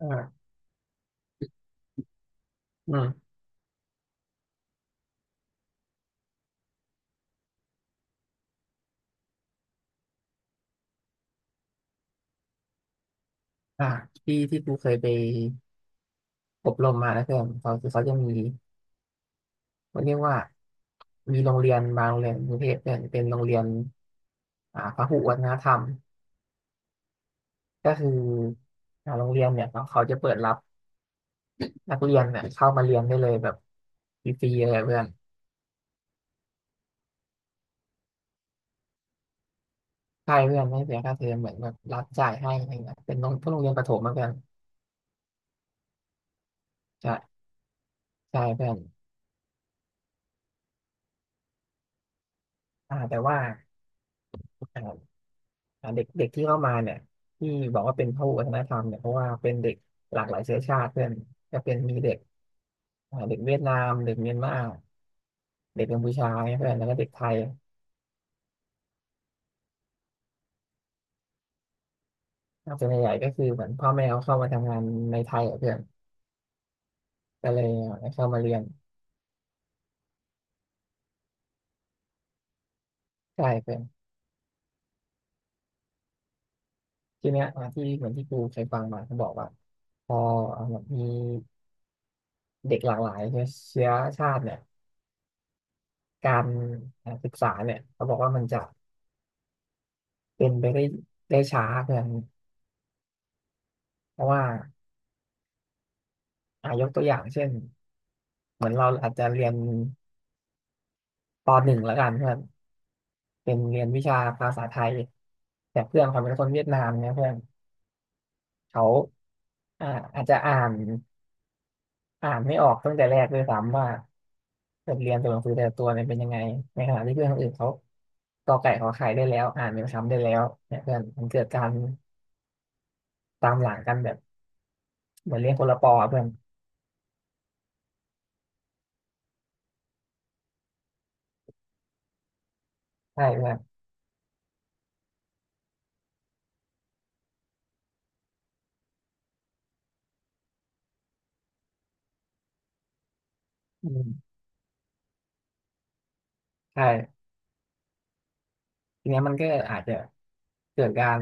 อ่าอืมอ่าที่ที่กูเคยไปอบรมมานะเพื่อนเขาจะมีเขาเรียกว่ามีโรงเรียนบางโรงเรียนกรุงเทพเนี่ยเป็นโรงเรียนพหุวัฒนธรรมก็คือโรงเรียนเนี่ยเขาจะเปิดรับนักเรียนเนี่ยเข้ามาเรียนได้เลยแบบฟรีๆเลยเพื่อนใช่เพื่อนไม่เสียค่าเทอมเหมือนแบบรับจ่ายให้อะไรเงี้ยเป็นโรงพวกโรงเรียนประถมมาเพื่อนใช่ใช่เพื่อนแต่ว่า เด็กเด็กที่เข้ามาเนี่ยที่บอกว่าเป็นพหุวัฒนธรรมเนี่ยเพราะว่าเป็นเด็กหลากหลายเชื้อชาติเพื่อนจะเป็นมีเด็กเด็กเวียดนามเด็กเมียนมาเด็กกัมพูชาเนี่ยเพื่อนแล้วก็เด็กไทยส่วนใหญ่ก็คือเหมือนพ่อแม่เขาเข้ามาทำงานในไทยอะเพื่อนก็เลยเข้ามาเรียนใช่เพื่อนทีเนี้ยที่เหมือนที่กูเคยฟังมาเขาบอกว่าพอเอาแบบมีเด็กหลากหลายเชื้อชาติเนี่ยการศึกษาเนี่ยเขาบอกว่ามันจะเป็นไปได้ช้าเพื่อนเพราะว่า ยกตัวอย่างเช่นเหมือนเราอาจจะเรียนปหนึ่งแล้วกันเพื่อนเป็นเรียนวิชาภาษาไทยแต่เพื่อนเขาเป็นคนเวียดนามเนี่ยเพื่อนเขาอ่าอาจจะอ่านไม่ออกตั้งแต่แรกด้วยซ้ำว่าบทเรียนตัวหนังสือแต่ละตัวเนี่ยเป็นยังไงในขณะที่เพื่อนคนอื่นเขากอไก่ขอไข่ได้แล้วอ่านเป็นคำได้แล้วเนี่ยเพื่อนมันเกิดการตามหลังกันแบบเหมือนเรียนคนละปออะเพื่อนใช่เพื่อนอืมใช่ทีเนี้ยมันก็อาจจะเกิดการ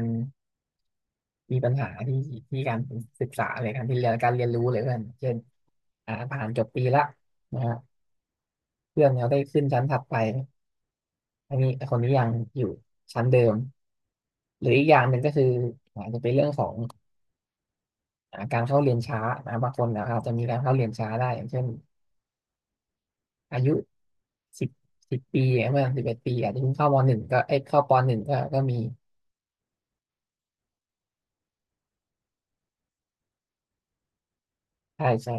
มีปัญหาที่การศึกษาเลยการที่เรียนการเรียนรู้เลยเพื่อนเช่นผ่านจบปีละนะฮะเพื่อนเขาได้ขึ้นชั้นถัดไปอันนี้คนนี้ยังอยู่ชั้นเดิมหรืออีกอย่างหนึ่งก็คืออาจจะเป็นเรื่องของการเข้าเรียนช้านะบางคนนะคจจะมีการเข้าเรียนช้าได้อย่างเช่นอายุสิบสิบปีเมื่อ11 ปีอาจจะเพิ่งเข้าปหนึ่งก็มีใช่ใช่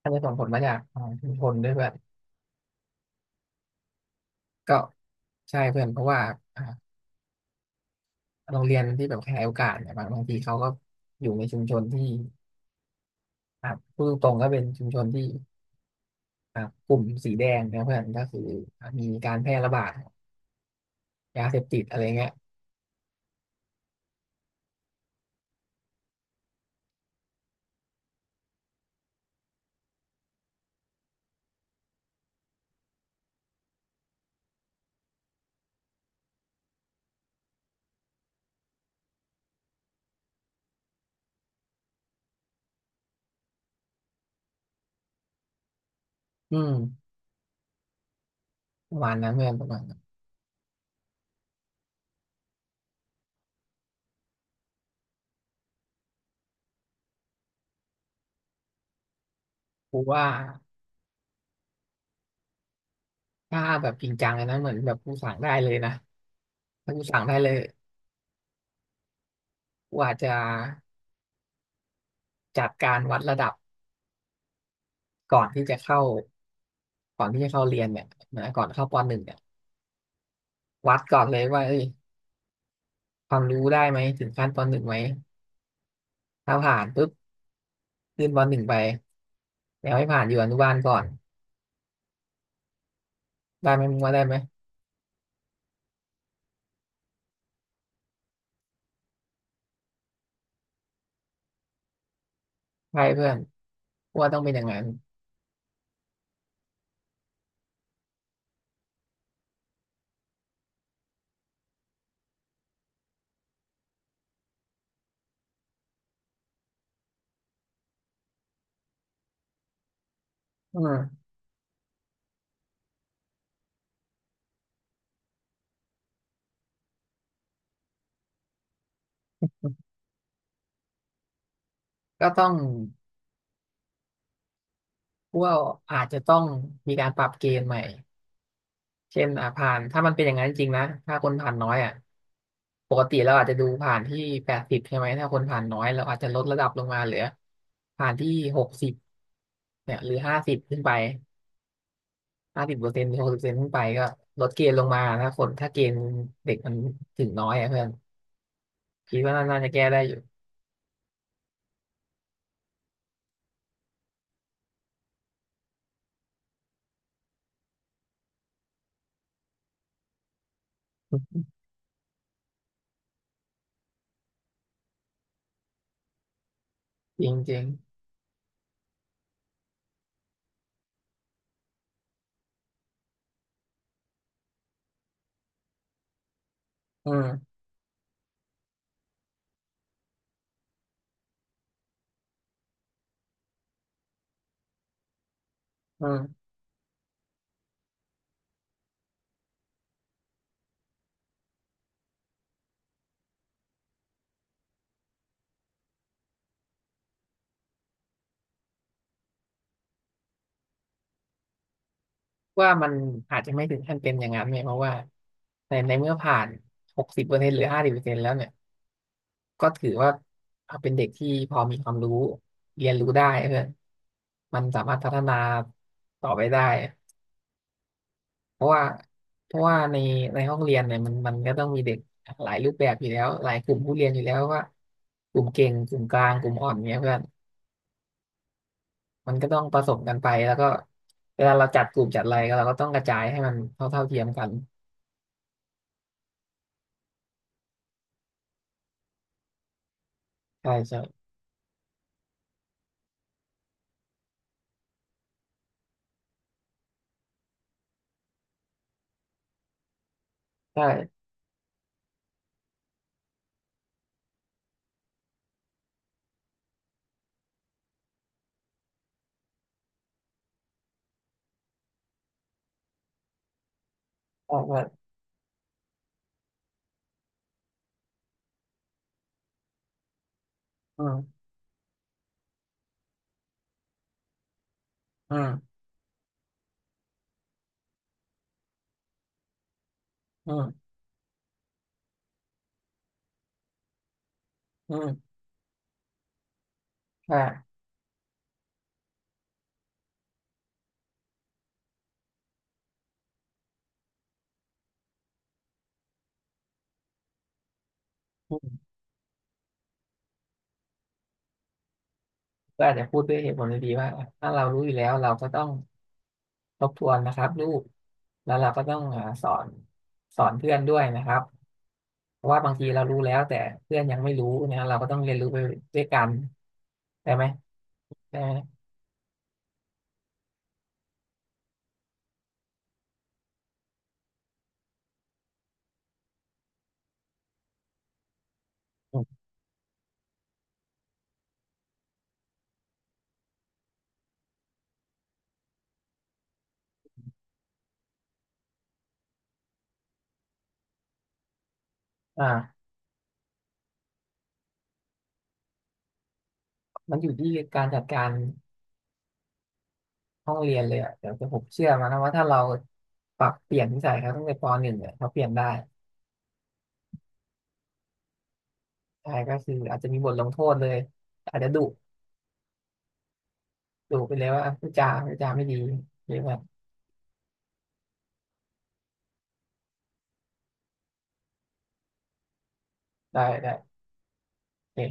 อาจจะส่งผลมาจากชุมชนด้วยเพื่อนก็ใช่เพื่อนเพราะว่า โรงเรียนที่แบบขยายโอกาสเนี่ยบางทีเขาก็อยู่ในชุมชนที่อ่ะพูดตรงๆก็เป็นชุมชนที่กลุ่มสีแดงนะเพื่อนก็คือมีการแพร่ระบาดยาเสพติดอะไรเงี้ยอืมประมาณนั้นเพื่อนประมาณนั้นกูว่าถ้าแบบจริงจังเลยนะเหมือนแบบกูสั่งได้เลยนะถ้ากูสั่งได้เลยกูอาจจะจัดการวัดระดับก่อนที่จะเข้าก่อนที่จะเข้าเรียนเนี่ยนะก่อนเข้าปหนึ่งเนี่ยวัดก่อนเลยว่าเอ้ยความรู้ได้ไหมถึงขั้นปหนึ่งไหมถ้าผ่านปุ๊บ ยื่นบอลหนึ่งไปแล้วให้ผ่านอยู่อนุบาลก่อนได้ไหมมึงว่าได้ไหมใช่เพื่อนกูว่าต้องเป็นอย่างนั้นอืมก็ต้องกว่อาจจะต้องมีการปรับเกณฑ์ใหม่เช่นผ่านถ้ามันเป็นอย่างนั้นจริงๆนะถ้าคนผ่านน้อยอ่ะปกติเราอาจจะดูผ่านที่80ใช่ไหมถ้าคนผ่านน้อยเราอาจจะลดระดับลงมาเหลือผ่านที่หกสิบเนี่ยหรือห้าสิบขึ้นไปห้าสิบเปอร์เซ็นต์หรือหกสิบเปอร์เซ็นต์ขึ้นไปก็ลดเกณฑ์ลงมาถ้าคนถ้าเกณฑ์เด็กมันถึงน้อยอ่ะเพื่อน คิดว่าน่าจะแก้ได้อยู่จริงจริงอืมอืมว่ามันอาจจะไม่ถึงขั้นเป็นอย่างนั้นเนี่ยเพราะว่าในเมื่อผ่านหกสิบเปอร์เซ็นต์หรือห้าสิบเปอร์เซ็นต์แล้วเนี่ยก็ถือว่าเป็นเด็กที่พอมีความรู้เรียนรู้ได้เพื่อนมันสามารถพัฒนาต่อไปได้เพราะว่าเพราะว่าในห้องเรียนเนี่ยมันก็ต้องมีเด็กหลายรูปแบบอยู่แล้วหลายกลุ่มผู้เรียนอยู่แล้วว่ากลุ่มเก่งกลุ่มกลางกลุ่มอ่อนเนี่ยเพื่อน มันก็ต้องผสมกันไปแล้วก็เวลาเราจัดกลุ่มจัดอะไรก็เราก็ต้องกระจายให้มันเท่าเทียมกันใช่ใช่ใช่ใช่ใช่อืมอืมอืมอืมใช่อืมก็อาจจะพูดด้วยเหตุผลดีๆว่าถ้าเรารู้อยู่แล้วเราก็ต้องทบทวนนะครับลูกแล้วเราก็ต้องสอนเพื่อนด้วยนะครับเพราะว่าบางทีเรารู้แล้วแต่เพื่อนยังไม่รู้นะเราก็ต้องเรียนรู้ไปด้วยกันได้ไหมได้ไหมอืมอ่ามันอยู่ที่การจัดการ ห้องเรียนเลยอ่ะแต่ผมเชื่อมานะว่าถ้าเราปรับเปลี่ยนนิสัยเขาตั้งแต่ปหนึ่งเนี่ยเขาเปลี่ยนได้ใช่ก็คืออาจจะมีบทลงโทษเลยอาจจะดุไปเลยว่าพูดจาไม่ดีเรียกว่าได้ได้โอเค